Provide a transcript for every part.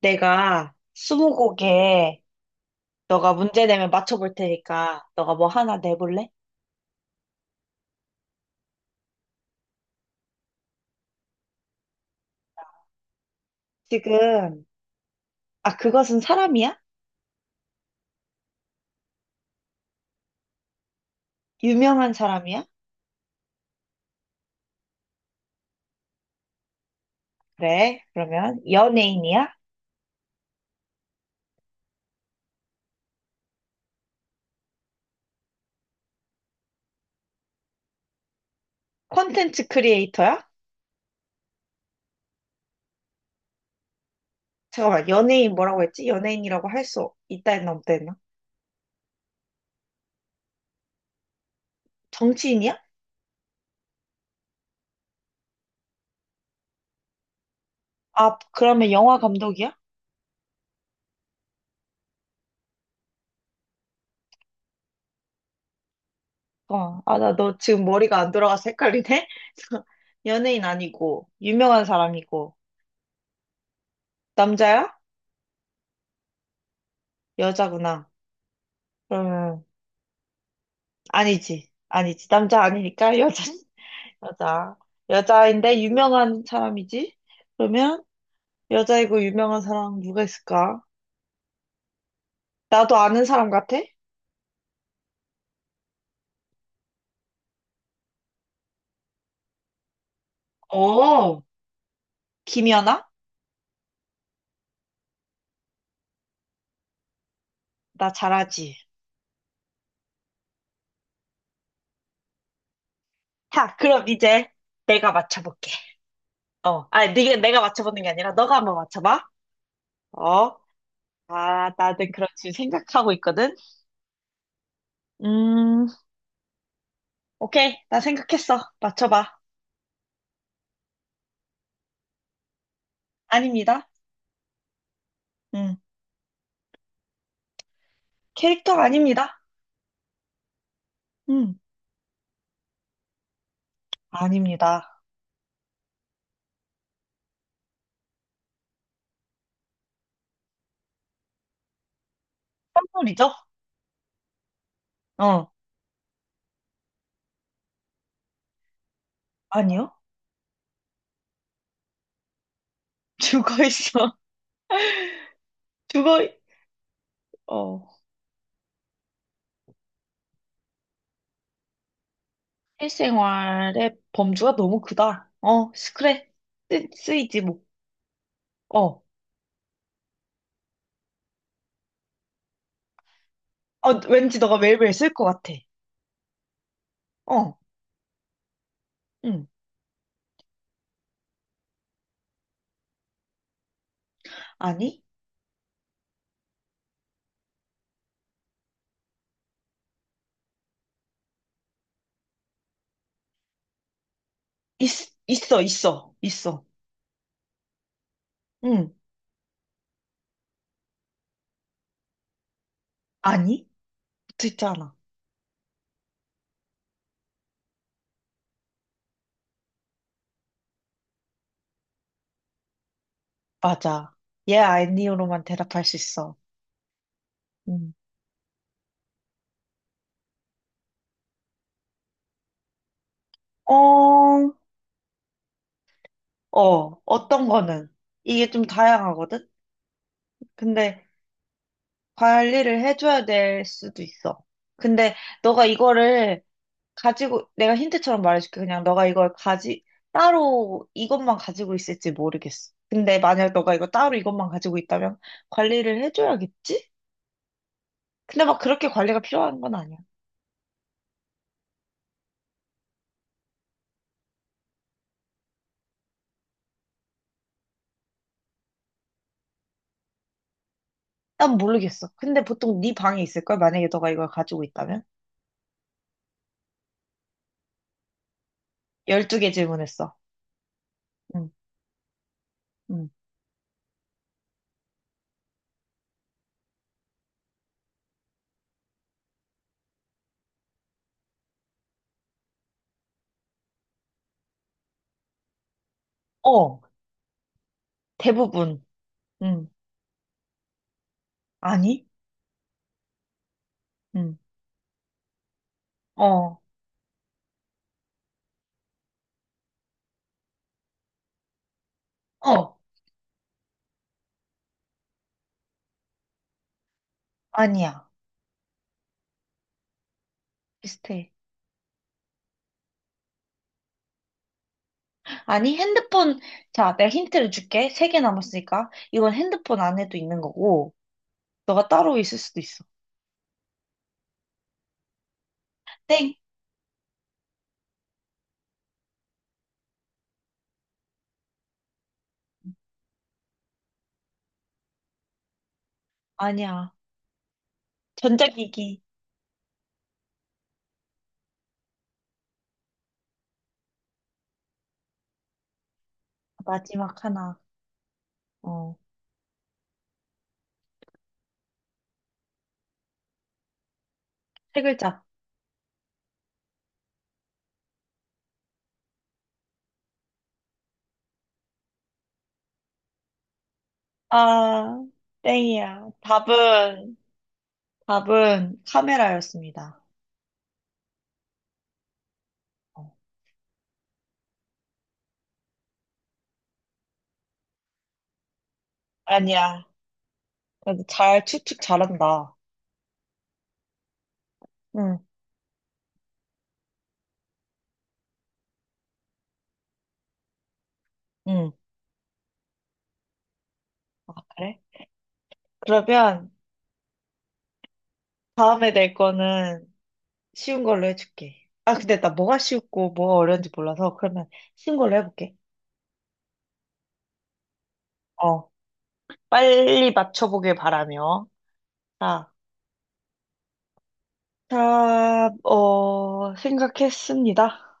내가 스무고개 너가 문제 내면 맞춰볼 테니까 너가 뭐 하나 내볼래? 지금 아 그것은 사람이야? 유명한 사람이야? 그래 그러면 연예인이야? 콘텐츠 크리에이터야? 잠깐만 연예인 뭐라고 했지? 연예인이라고 할 수 있다 했나 없다 했나? 정치인이야? 아 그러면 영화 감독이야? 아 나 너 지금 머리가 안 돌아가서 헷갈리네? 연예인 아니고 유명한 사람이고 남자야? 여자구나 그러면 아니지. 아니지. 남자 아니니까 여자, 여자. 여자인데 유명한 사람이지? 그러면 여자이고 유명한 사람 누가 있을까? 나도 아는 사람 같아? 오, 김연아? 나 잘하지. 자, 그럼 이제 내가 맞춰볼게. 어, 아니, 네가, 내가 맞춰보는 게 아니라 너가 한번 맞춰봐. 어, 아, 나는 그렇지 생각하고 있거든. 음, 오케이. 나 생각했어. 맞춰봐. 아닙니다. 음, 캐릭터 아닙니다. 음, 아닙니다. 선물이죠? 어, 아니요. 죽어 있어. 죽어. 어. 실생활의 범주가 너무 크다. 그래. 쓰이지, 뭐. 어. 왠지 너가 매일매일 쓸 것 같아. 어, 응. 아니? 있, 있어, 있어, 있어. 응. 아니? 듣지 않아. 맞아. 예, 아니요로만 대답할 수 있어. 응. 어, 어떤 거는? 이게 좀 다양하거든? 근데 관리를 해줘야 될 수도 있어. 근데 너가 이거를 가지고, 내가 힌트처럼 말해줄게. 그냥 너가 이걸 가지, 따로 이것만 가지고 있을지 모르겠어. 근데 만약 너가 이거 따로 이것만 가지고 있다면 관리를 해줘야겠지? 근데 막 그렇게 관리가 필요한 건 아니야. 난 모르겠어. 근데 보통 네 방에 있을걸? 만약에 너가 이걸 가지고 있다면? 12개 질문했어. 응, 응. 어, 대부분. 응. 아니? 응. 어, 어. 아니야. 비슷해. 아니, 핸드폰, 자, 내가 힌트를 줄게. 세 개 남았으니까. 이건 핸드폰 안에도 있는 거고, 너가 따로 있을 수도 있어. 땡! 아니야. 전자기기. 마지막 하나. 어, 세 글자. 아, 땡이야. 답은, 답은 카메라였습니다. 어. 아니야. 그래도 잘 추측 잘한다. 응, 응. 그래? 그러면 다음에 낼 거는 쉬운 걸로 해줄게. 아, 근데 나 뭐가 쉬웠고 뭐가 어려운지 몰라서 그러면 쉬운 걸로 해볼게. 어, 빨리 맞춰보길 바라며. 자, 자, 생각했습니다.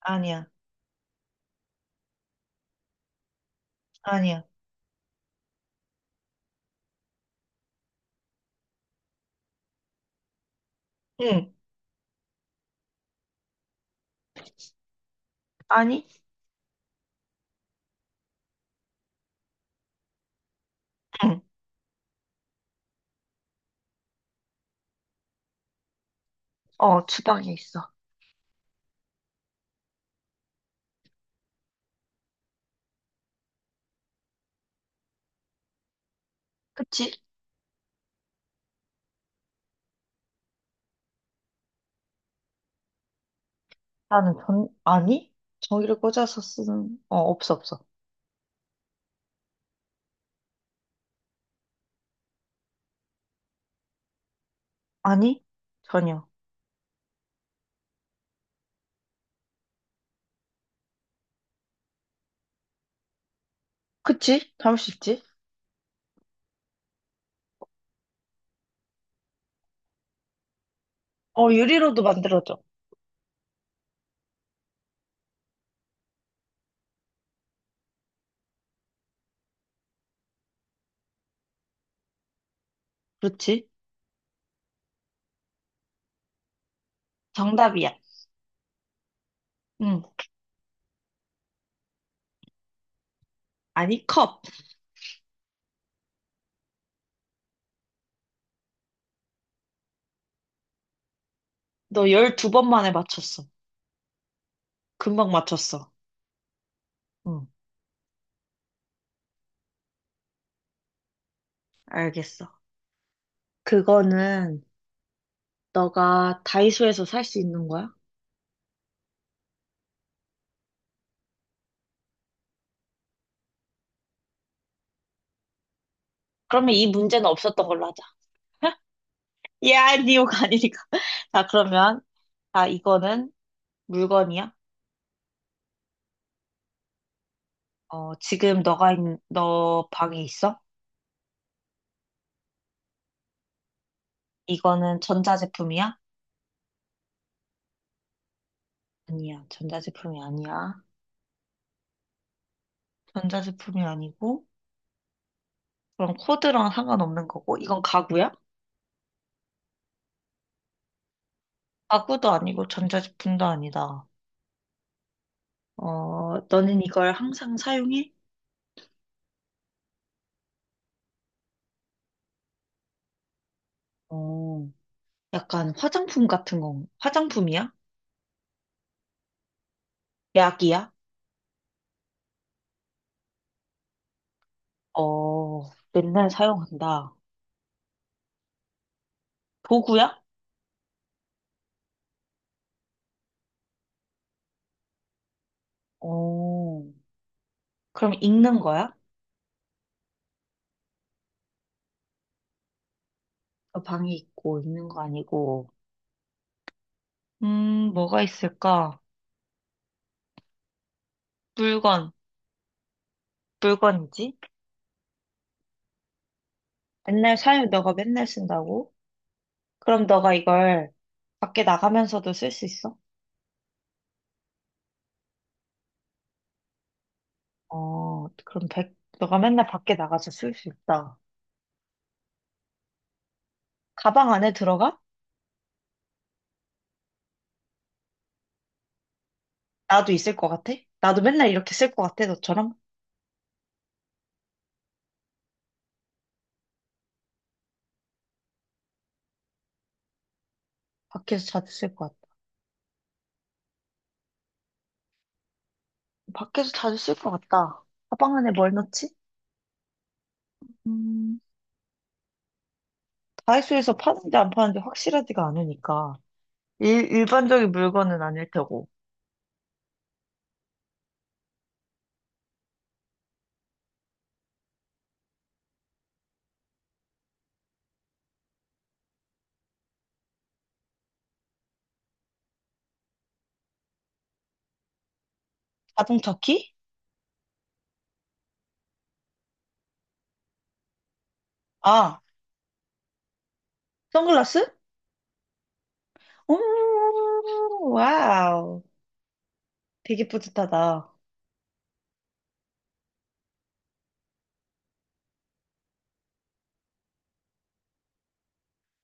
아니야, 아니야. 응, 아니, 응. 주방에 있어. 그치? 아니? 전기를 꽂아서 쓰는, 없어, 없어. 아니? 전혀. 그치? 담을 수 있지? 유리로도 만들어져. 그렇지? 정답이야. 응. 아니, 컵. 너 12번 만에 맞췄어. 금방 맞췄어. 응, 알겠어. 그거는 너가 다이소에서 살 수 있는 거야? 그러면 이 문제는 없었던 걸로 하자. 야, 니오가 아니니까. 자, 그러면, 아, 이거는 물건이야? 지금 너가 있는, 너 방에 있어? 이거는 전자제품이야? 아니야, 전자제품이 아니야. 전자제품이 아니고, 그럼 코드랑 상관없는 거고, 이건 가구야? 가구도 아니고, 전자제품도 아니다. 너는 이걸 항상 사용해? 어, 약간 화장품 같은 거, 화장품이야? 약이야? 어, 맨날 사용한다. 도구야? 어, 그럼 읽는 거야? 방이 있고 읽는 거 아니고. 뭐가 있을까? 물건, 물건이지? 맨날 사용, 너가 맨날 쓴다고? 그럼 너가 이걸 밖에 나가면서도 쓸 수 있어? 그럼 너가 맨날 밖에 나가서 쓸 수 있다. 가방 안에 들어가? 나도 있을 것 같아? 나도 맨날 이렇게 쓸 것 같아, 너처럼? 밖에서 자주 쓸 것 같아. 밖에서 자주 쓸 것 같다. 가방 안에 뭘 넣지? 음, 다이소에서 파는지 안 파는지 확실하지가 않으니까. 일반적인 물건은 아닐 테고. 자동차 키? 아, 선글라스? 오, 와우. 되게 뿌듯하다.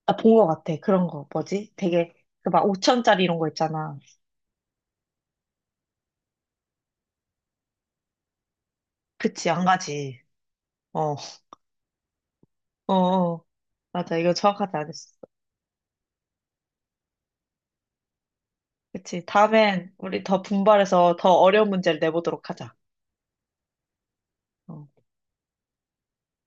아, 본 것 같아. 그런 거. 뭐지? 되게, 그 막 5천짜리 이런 거 있잖아. 그치, 안 가지. 어, 어, 어. 맞아. 이거 정확하지 않았어. 그치. 다음엔 우리 더 분발해서 더 어려운 문제를 내보도록 하자. 어.